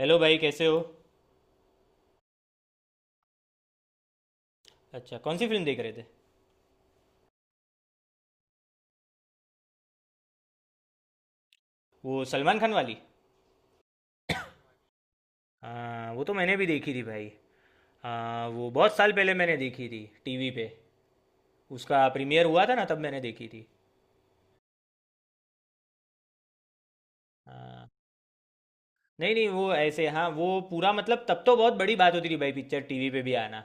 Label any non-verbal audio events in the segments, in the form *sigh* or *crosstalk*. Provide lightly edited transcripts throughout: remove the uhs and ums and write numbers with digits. Hello भाई, कैसे हो? अच्छा, कौन सी फिल्म देख रहे थे? वो सलमान खान वाली? हाँ, वो तो मैंने भी देखी थी भाई। हाँ, वो बहुत साल पहले मैंने देखी थी टीवी पे। उसका प्रीमियर हुआ था ना, तब मैंने देखी थी। हाँ। नहीं नहीं, वो ऐसे, हाँ, वो पूरा मतलब तब तो बहुत बड़ी बात होती थी भाई, पिक्चर टीवी पे भी आना।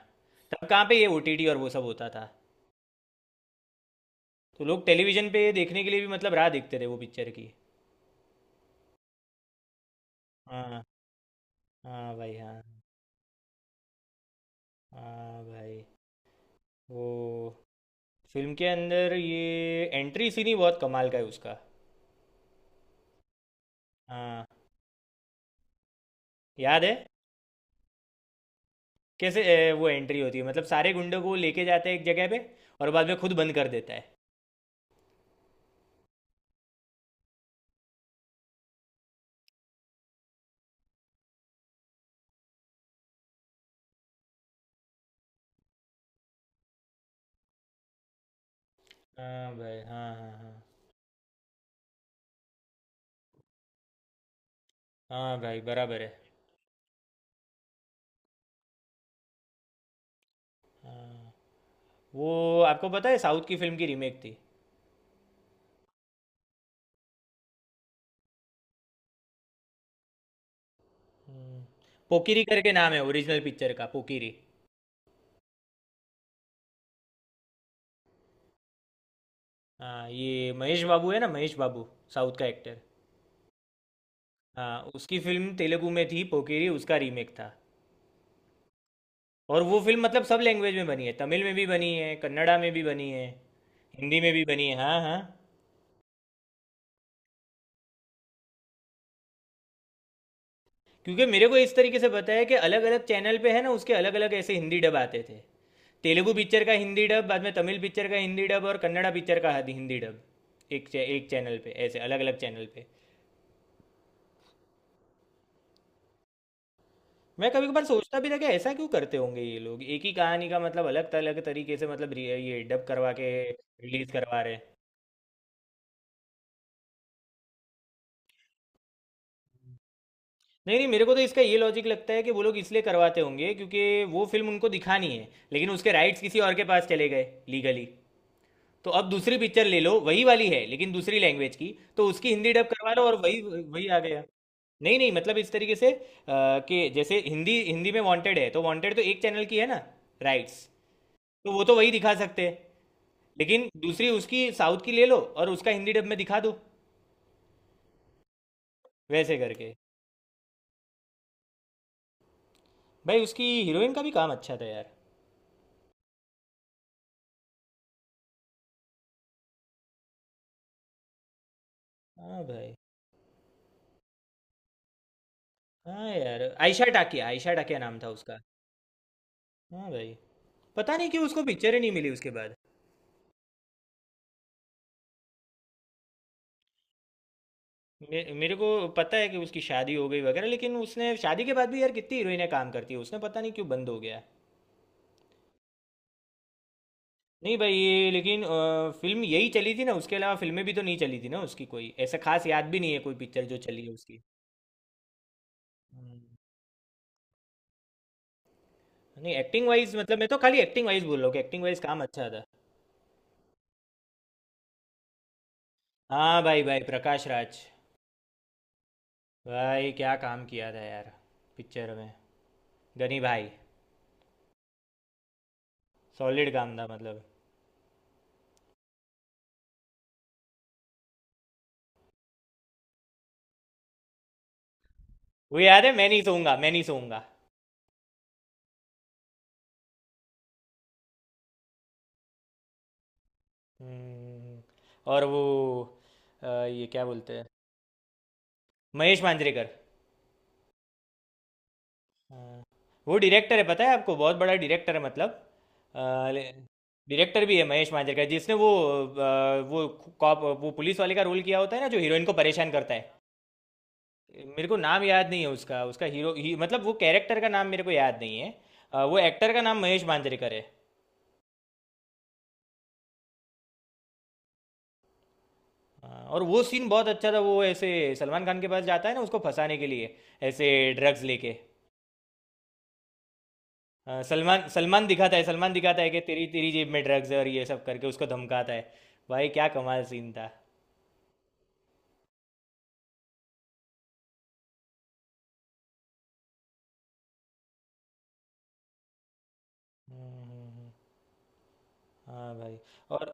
तब कहाँ पे ये ओटीटी और वो सब होता था। तो लोग टेलीविज़न पे देखने के लिए भी मतलब राह देखते थे वो पिक्चर की। हाँ। हाँ भाई, हाँ। हाँ भाई। वो फिल्म के अंदर ये एंट्री सीन ही बहुत कमाल का है उसका। हाँ। याद है। कैसे? वो एंट्री होती है मतलब सारे गुंडों को लेके जाते हैं एक जगह पे। और बाद में खुद बंद कर देता है। हाँ भाई, हाँ, हाँ, हाँ। हाँ भाई, बराबर है। हाँ। वो आपको पता है साउथ की फिल्म की रीमेक थी। हम्म, पोकिरी करके नाम है ओरिजिनल पिक्चर का, पोकिरी। हाँ, ये महेश बाबू है ना, महेश बाबू। साउथ का एक्टर। हाँ, उसकी फिल्म तेलुगु में थी, पोकिरी उसका रीमेक था। और वो फिल्म मतलब सब लैंग्वेज में बनी है, तमिल में भी बनी है, कन्नड़ा में भी बनी है। हिंदी में भी बनी है, हाँ, हाँ। क्योंकि मेरे को इस तरीके से बताया कि अलग अलग चैनल पे है ना, उसके अलग अलग ऐसे हिंदी डब आते थे। तेलुगु पिक्चर का हिंदी डब, बाद में तमिल पिक्चर का हिंदी डब और कन्नड़ा पिक्चर का हिंदी डब। एक चैनल पे, ऐसे अलग अलग चैनल पे। मैं कभी कभार सोचता भी था कि ऐसा क्यों करते होंगे ये लोग, एक ही कहानी का मतलब अलग अलग तरीके से मतलब ये डब करवा के रिलीज करवा रहे हैं। नहीं नहीं, मेरे को तो इसका ये लॉजिक लगता है कि वो लोग इसलिए करवाते होंगे क्योंकि वो फिल्म उनको दिखानी है लेकिन उसके राइट्स किसी और के पास चले गए लीगली। तो अब दूसरी पिक्चर ले लो, वही वाली है लेकिन दूसरी लैंग्वेज की, तो उसकी हिंदी डब करवा लो और वही वही आ गया। नहीं नहीं, मतलब इस तरीके से कि जैसे हिंदी हिंदी में वांटेड है तो वांटेड तो एक चैनल की है ना, राइट्स। तो वो तो वही दिखा सकते हैं। लेकिन दूसरी उसकी साउथ की ले लो और उसका हिंदी डब में दिखा दो, वैसे करके। भाई, उसकी हीरोइन का भी काम अच्छा था यार। हाँ भाई। हाँ यार। आयशा टाकिया, आयशा टाकिया नाम था उसका। हाँ भाई। पता नहीं क्यों उसको पिक्चर ही नहीं मिली उसके बाद। मेरे को पता है कि उसकी शादी हो गई वगैरह, लेकिन उसने शादी के बाद भी यार कितनी हीरोइनें काम करती है, उसने पता नहीं क्यों बंद हो गया। नहीं भाई, ये लेकिन फिल्म यही चली थी ना, उसके अलावा फिल्में भी तो नहीं चली थी ना उसकी, कोई ऐसा खास याद भी नहीं है कोई पिक्चर जो चली है उसकी। हम्म। नहीं, एक्टिंग वाइज मतलब मैं तो खाली एक्टिंग वाइज बोल रहा हूँ कि एक्टिंग वाइज काम अच्छा था। हाँ भाई, भाई प्रकाश राज। भाई क्या काम किया था यार, पिक्चर में। गनी भाई। सॉलिड काम था मतलब। वो याद है, मैं नहीं सोऊंगा, मैं नहीं सोऊंगा। हम्म, और वो ये क्या बोलते हैं, महेश मांजरेकर। हाँ। वो डायरेक्टर है, पता है आपको बहुत बड़ा डायरेक्टर है मतलब। डायरेक्टर भी है महेश मांजरेकर, जिसने वो अ, वो कॉप वो पुलिस वाले का रोल किया होता है ना, जो हीरोइन को परेशान करता है। मेरे को नाम याद नहीं है उसका उसका हीरो ही, मतलब वो कैरेक्टर का नाम मेरे को याद नहीं है। वो एक्टर का नाम महेश मांजरेकर है। हाँ, और वो सीन बहुत अच्छा था, वो ऐसे सलमान खान के पास जाता है ना उसको फंसाने के लिए, ऐसे ड्रग्स लेके। हाँ, सलमान सलमान दिखाता है कि तेरी तेरी जेब में ड्रग्स है और ये सब करके उसको धमकाता है। भाई क्या कमाल सीन था। हम्म, हम्म, हम्म, हाँ भाई। और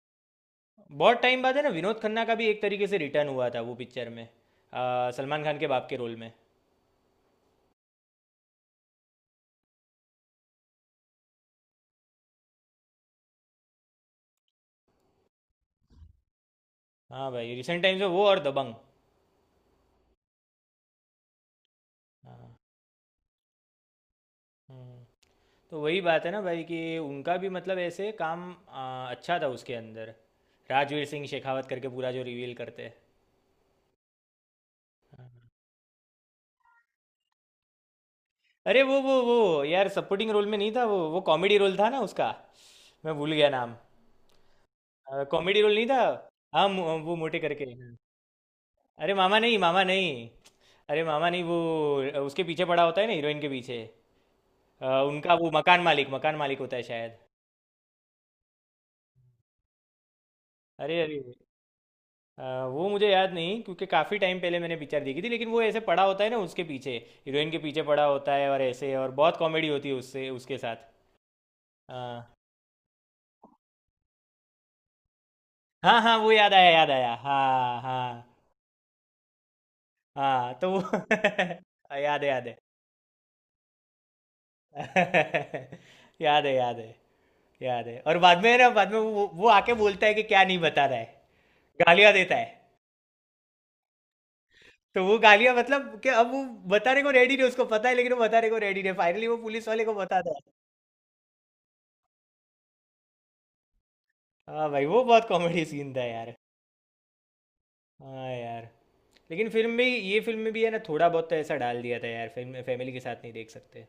बहुत टाइम बाद है ना, विनोद खन्ना का भी एक तरीके से रिटर्न हुआ था वो पिक्चर में, सलमान खान के बाप के रोल में। हाँ भाई, रिसेंट टाइम्स में वो और दबंग। हाँ। हम्म, तो वही बात है ना भाई कि उनका भी मतलब ऐसे काम अच्छा था उसके अंदर। राजवीर सिंह शेखावत करके पूरा जो रिवील करते हैं। अरे वो यार सपोर्टिंग रोल में नहीं था, वो कॉमेडी रोल था ना उसका। मैं भूल गया नाम। कॉमेडी रोल नहीं था। हाँ वो मोटे करके, हाँ। अरे मामा नहीं, मामा नहीं। अरे मामा नहीं, वो उसके पीछे पड़ा होता है ना हीरोइन के पीछे। उनका वो मकान मालिक होता है शायद। अरे अरे। अ, वो मुझे याद नहीं, क्योंकि काफ़ी टाइम पहले मैंने पिक्चर देखी थी, लेकिन वो ऐसे पड़ा होता है ना उसके पीछे, हीरोइन के पीछे पड़ा होता है और ऐसे और बहुत कॉमेडी होती है उससे, उसके साथ। अ, हाँ हाँ, वो याद आया, याद आया, हाँ, हाँ। हाँ, तो वो *laughs* याद है, याद है। *laughs* याद है, याद है। याद है, और बाद में है ना, बाद में वो आके बोलता है कि क्या नहीं बता रहा है। गालियां देता है। तो वो गालियां, मतलब कि अब वो बताने को रेडी नहीं, उसको पता है लेकिन वो बताने को रेडी नहीं, फाइनली वो पुलिस वाले को बताता है। हाँ भाई, वो बहुत कॉमेडी सीन था यार। हाँ यार। लेकिन फिल्म में, ये फिल्म में भी है ना थोड़ा बहुत तो ऐसा डाल दिया था यार, फिल्म में फैमिली के साथ नहीं देख सकते।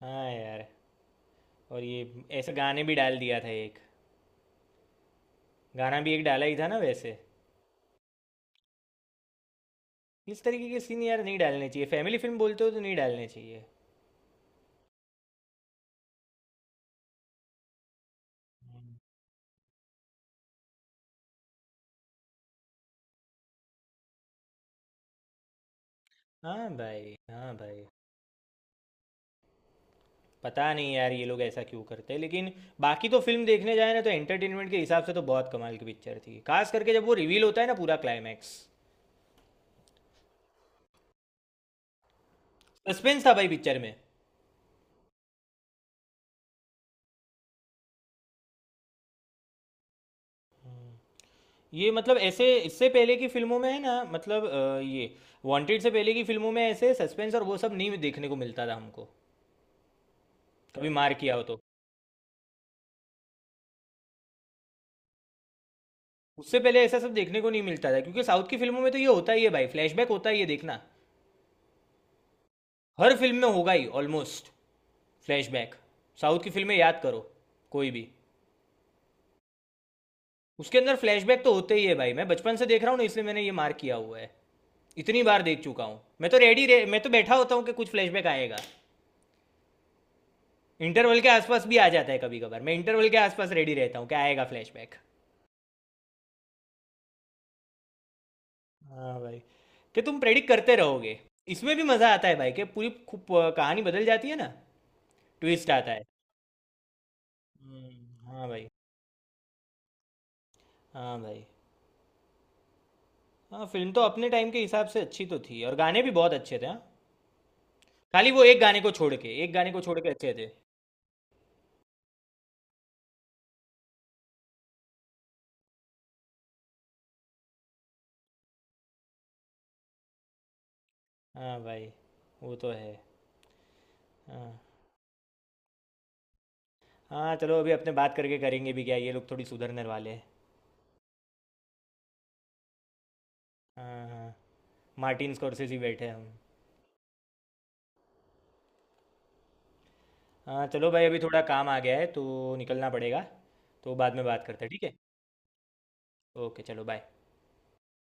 हाँ यार। और ये ऐसे गाने भी डाल दिया था एक, गाना भी एक डाला ही था ना वैसे। इस तरीके के सीन यार नहीं डालने चाहिए, फैमिली फिल्म बोलते हो तो नहीं डालने चाहिए। हाँ भाई, हाँ भाई। पता नहीं यार ये लोग ऐसा क्यों करते हैं, लेकिन बाकी तो फिल्म देखने जाए ना तो एंटरटेनमेंट के हिसाब से तो बहुत कमाल की पिक्चर थी, खास करके जब वो रिवील होता है ना पूरा क्लाइमैक्स। सस्पेंस था भाई पिक्चर में। ये मतलब ऐसे इससे पहले की फिल्मों में है ना, मतलब ये वांटेड से पहले की फिल्मों में ऐसे सस्पेंस और वो सब नहीं देखने को मिलता था हमको, कभी मार किया हो तो। उससे पहले ऐसा सब देखने को नहीं मिलता था, क्योंकि साउथ की फिल्मों में तो ये होता ही है भाई, फ्लैशबैक होता ही है देखना। हर फिल्म में होगा ही ऑलमोस्ट, फ्लैशबैक। साउथ की फिल्में याद करो, कोई भी। उसके अंदर फ्लैशबैक तो होते ही है भाई, मैं बचपन से देख रहा हूँ ना, इसलिए मैंने ये मार्क किया हुआ है। इतनी बार देख चुका हूँ मैं तो रेडी रे, मैं तो बैठा होता हूँ कि कुछ फ्लैशबैक आएगा। इंटरवल के आसपास भी आ जाता है कभी कभार, मैं इंटरवल के आसपास रेडी रहता हूँ कि आएगा फ्लैशबैक। हाँ भाई, कि तुम प्रेडिक्ट करते रहोगे। इसमें भी मज़ा आता है भाई कि पूरी खूब कहानी बदल जाती है ना, ट्विस्ट आता है। हाँ भाई, हाँ भाई। हाँ, फिल्म तो अपने टाइम के हिसाब से अच्छी तो थी, और गाने भी बहुत अच्छे थे, हाँ। खाली वो एक गाने को छोड़ के, एक गाने को छोड़ के अच्छे थे। हाँ भाई। वो तो है। हाँ। हाँ चलो, अभी अपने बात करके करेंगे भी क्या, ये लोग थोड़ी सुधरने वाले हैं। हाँ, हाँ। मार्टिन स्कॉर्सेज़ी बैठे हैं हम। हाँ चलो भाई, अभी थोड़ा काम आ गया है तो निकलना पड़ेगा। तो बाद में बात करते हैं, ठीक है। ओके चलो, बाय।